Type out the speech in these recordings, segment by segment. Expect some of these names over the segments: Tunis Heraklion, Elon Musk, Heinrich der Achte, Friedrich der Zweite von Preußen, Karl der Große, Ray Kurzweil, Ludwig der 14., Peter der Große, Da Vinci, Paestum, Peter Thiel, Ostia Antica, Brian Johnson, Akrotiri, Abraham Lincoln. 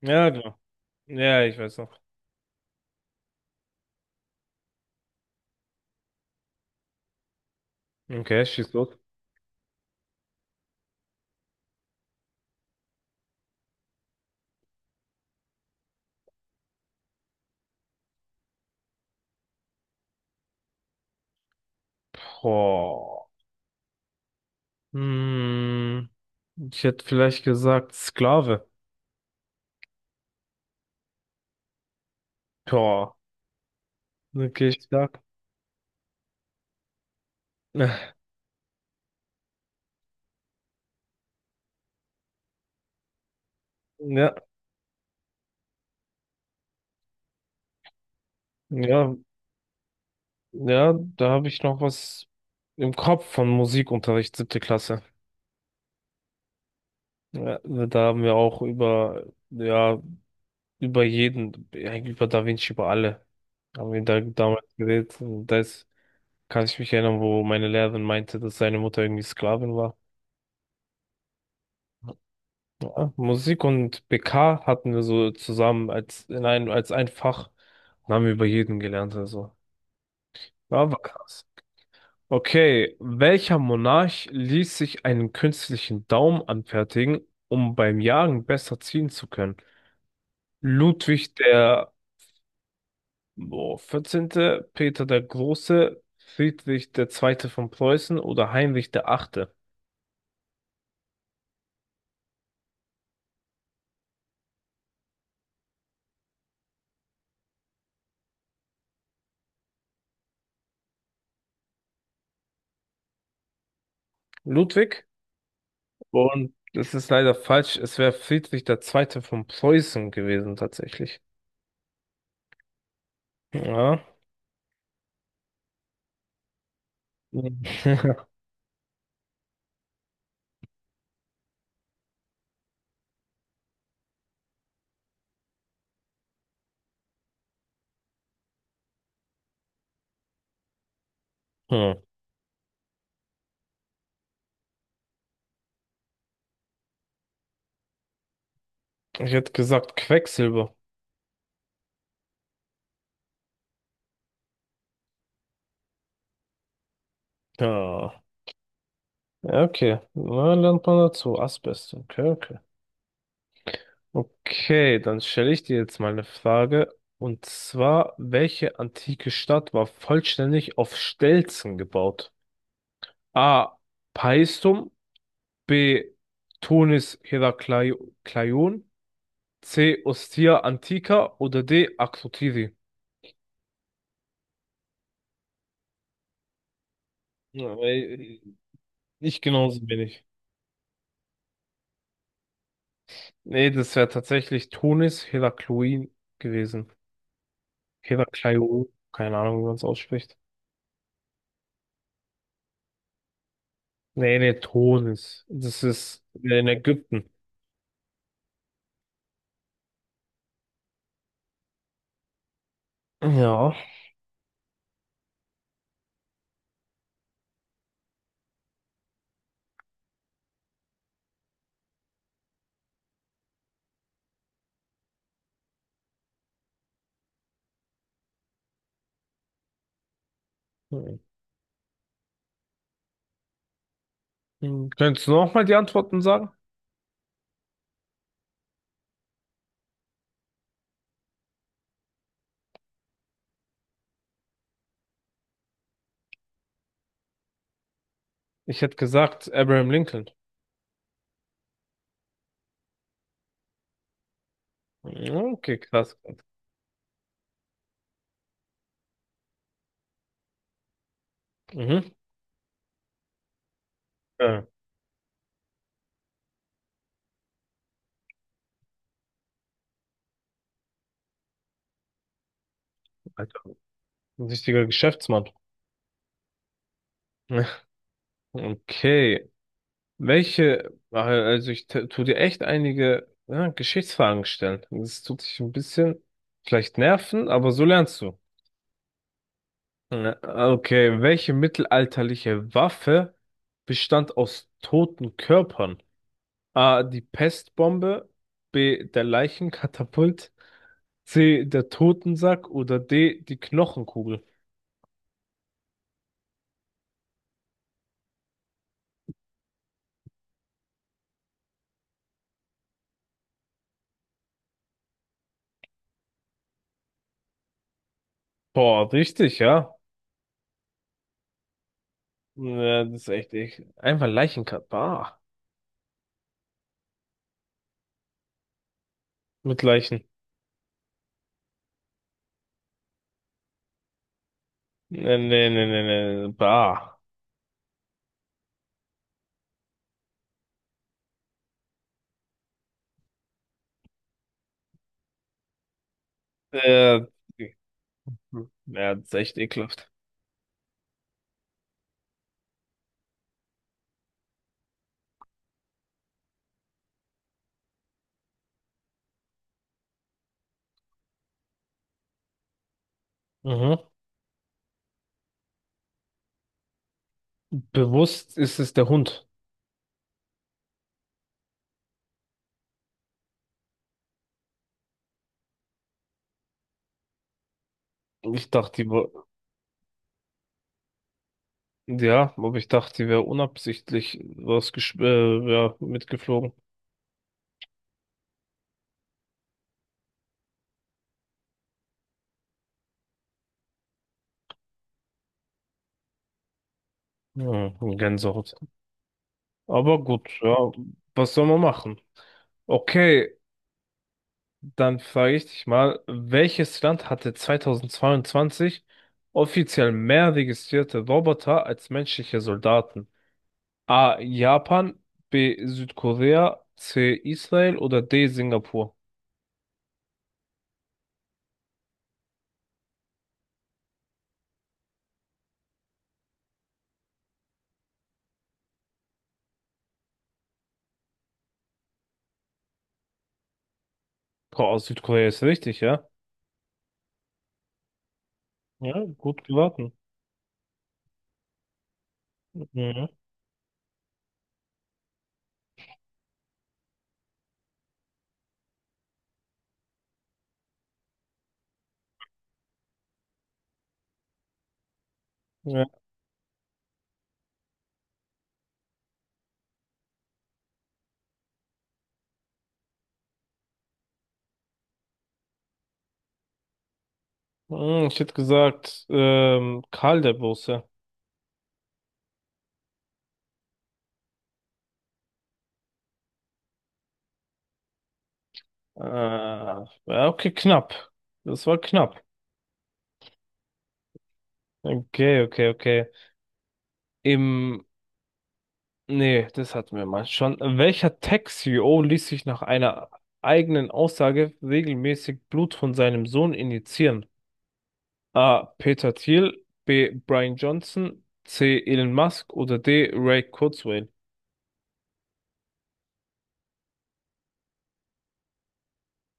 Ja, klar. Ja, ich weiß noch. Okay, schieß los. Boah. Hm, Ich hätte vielleicht gesagt Sklave. Boah. Okay, ich sag. Äh, Ja, ja, ja, da habe ich noch was im Kopf von Musikunterricht, siebte Klasse. Ja, da haben wir auch über, ja, über jeden, eigentlich über Da Vinci, über alle, haben wir da damals geredet. Und da ist, kann ich mich erinnern, wo meine Lehrerin meinte, dass seine Mutter irgendwie Sklavin war. Ja, Musik und BK hatten wir so zusammen als ein Fach. Dann haben wir über jeden gelernt, also. Ja, war krass. Okay, welcher Monarch ließ sich einen künstlichen Daumen anfertigen, um beim Jagen besser ziehen zu können? Ludwig der 14., Peter der Große, Friedrich der Zweite von Preußen oder Heinrich der Achte? Ludwig? Und das ist leider falsch. Es wäre Friedrich der Zweite von Preußen gewesen, tatsächlich. Ja. Hm. Ich hätte gesagt Quecksilber. Ja. Ja, okay. Na, lernt man dazu. Asbest. Okay, okay. Okay, dann stelle ich dir jetzt mal eine Frage. Und zwar, welche antike Stadt war vollständig auf Stelzen gebaut? A. Paestum. B. Tunis Heraklion. C. Ostia Antica oder D. Akrotiri. Ja, ich genauso wenig. Nee, das wäre tatsächlich Tunis Heraklion gewesen. Heraklion, keine Ahnung, wie man es ausspricht. Nee, nee, Tunis. Das ist in Ägypten. Ja. Hm. Könntest du nochmal die Antworten sagen? Ich hätte gesagt Abraham Lincoln. Hm, okay, krass. Mhm. Ja, Alter, ein richtiger Geschäftsmann. Okay. Welche, also ich tu dir echt einige ja, Geschichtsfragen stellen. Das tut dich ein bisschen vielleicht nerven, aber so lernst du. Okay, welche mittelalterliche Waffe bestand aus toten Körpern? A. Die Pestbombe, B. Der Leichenkatapult, C. Der Totensack oder D. Die Knochenkugel. Boah, richtig, ja. Ja, das ist echt, echt. Einfach Leichenkatapult. Bah. Mit Leichen. Nee, nee, nee, nee, nee. Bah. Äh, ja, das ist echt ekelhaft. Mhm. Bewusst ist es der Hund. Ich dachte, die Ja, aber ich dachte, die wäre unabsichtlich was ja, mitgeflogen. Hm, Gänsehaut. Aber gut, ja, was soll man machen? Okay, dann frage ich dich mal, welches Land hatte 2022 offiziell mehr registrierte Roboter als menschliche Soldaten? A. Japan, B. Südkorea, C. Israel oder D. Singapur? Boah, Südkorea ist richtig, ja? Ja, gut geraten. Mhm. Ja, ich hätte gesagt, Karl der Große. Ja, okay, knapp. Das war knapp. Okay, okay, okay. Im, Nee, das hatten wir mal schon. Welcher Tech-CEO ließ sich nach einer eigenen Aussage regelmäßig Blut von seinem Sohn injizieren? A. Peter Thiel, B. Brian Johnson, C. Elon Musk oder D. Ray Kurzweil?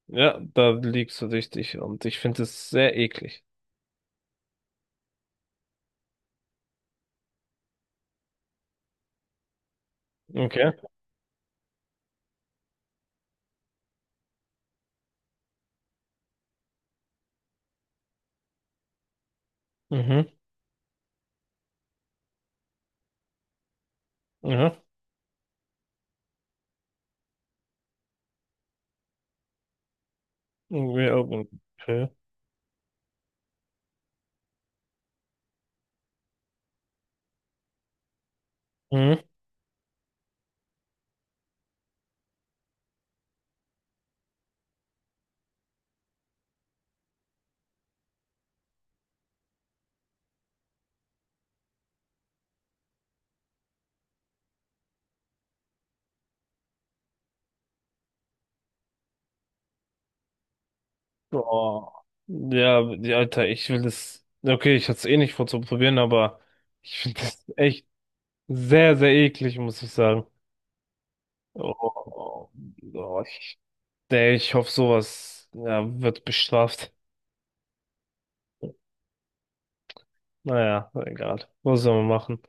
Ja, da liegst du richtig und ich finde es sehr eklig. Okay. Mhm. Mhm. Irgendwie auch-. Okay. Hm. Boah. Ja, Alter, ich will das. Okay, ich hatte es eh nicht vor zu probieren, aber ich finde das echt sehr, sehr eklig, muss ich sagen. Oh, oh, oh, ich, nee, ich hoffe, sowas ja, wird bestraft. Naja, egal. Was soll man machen?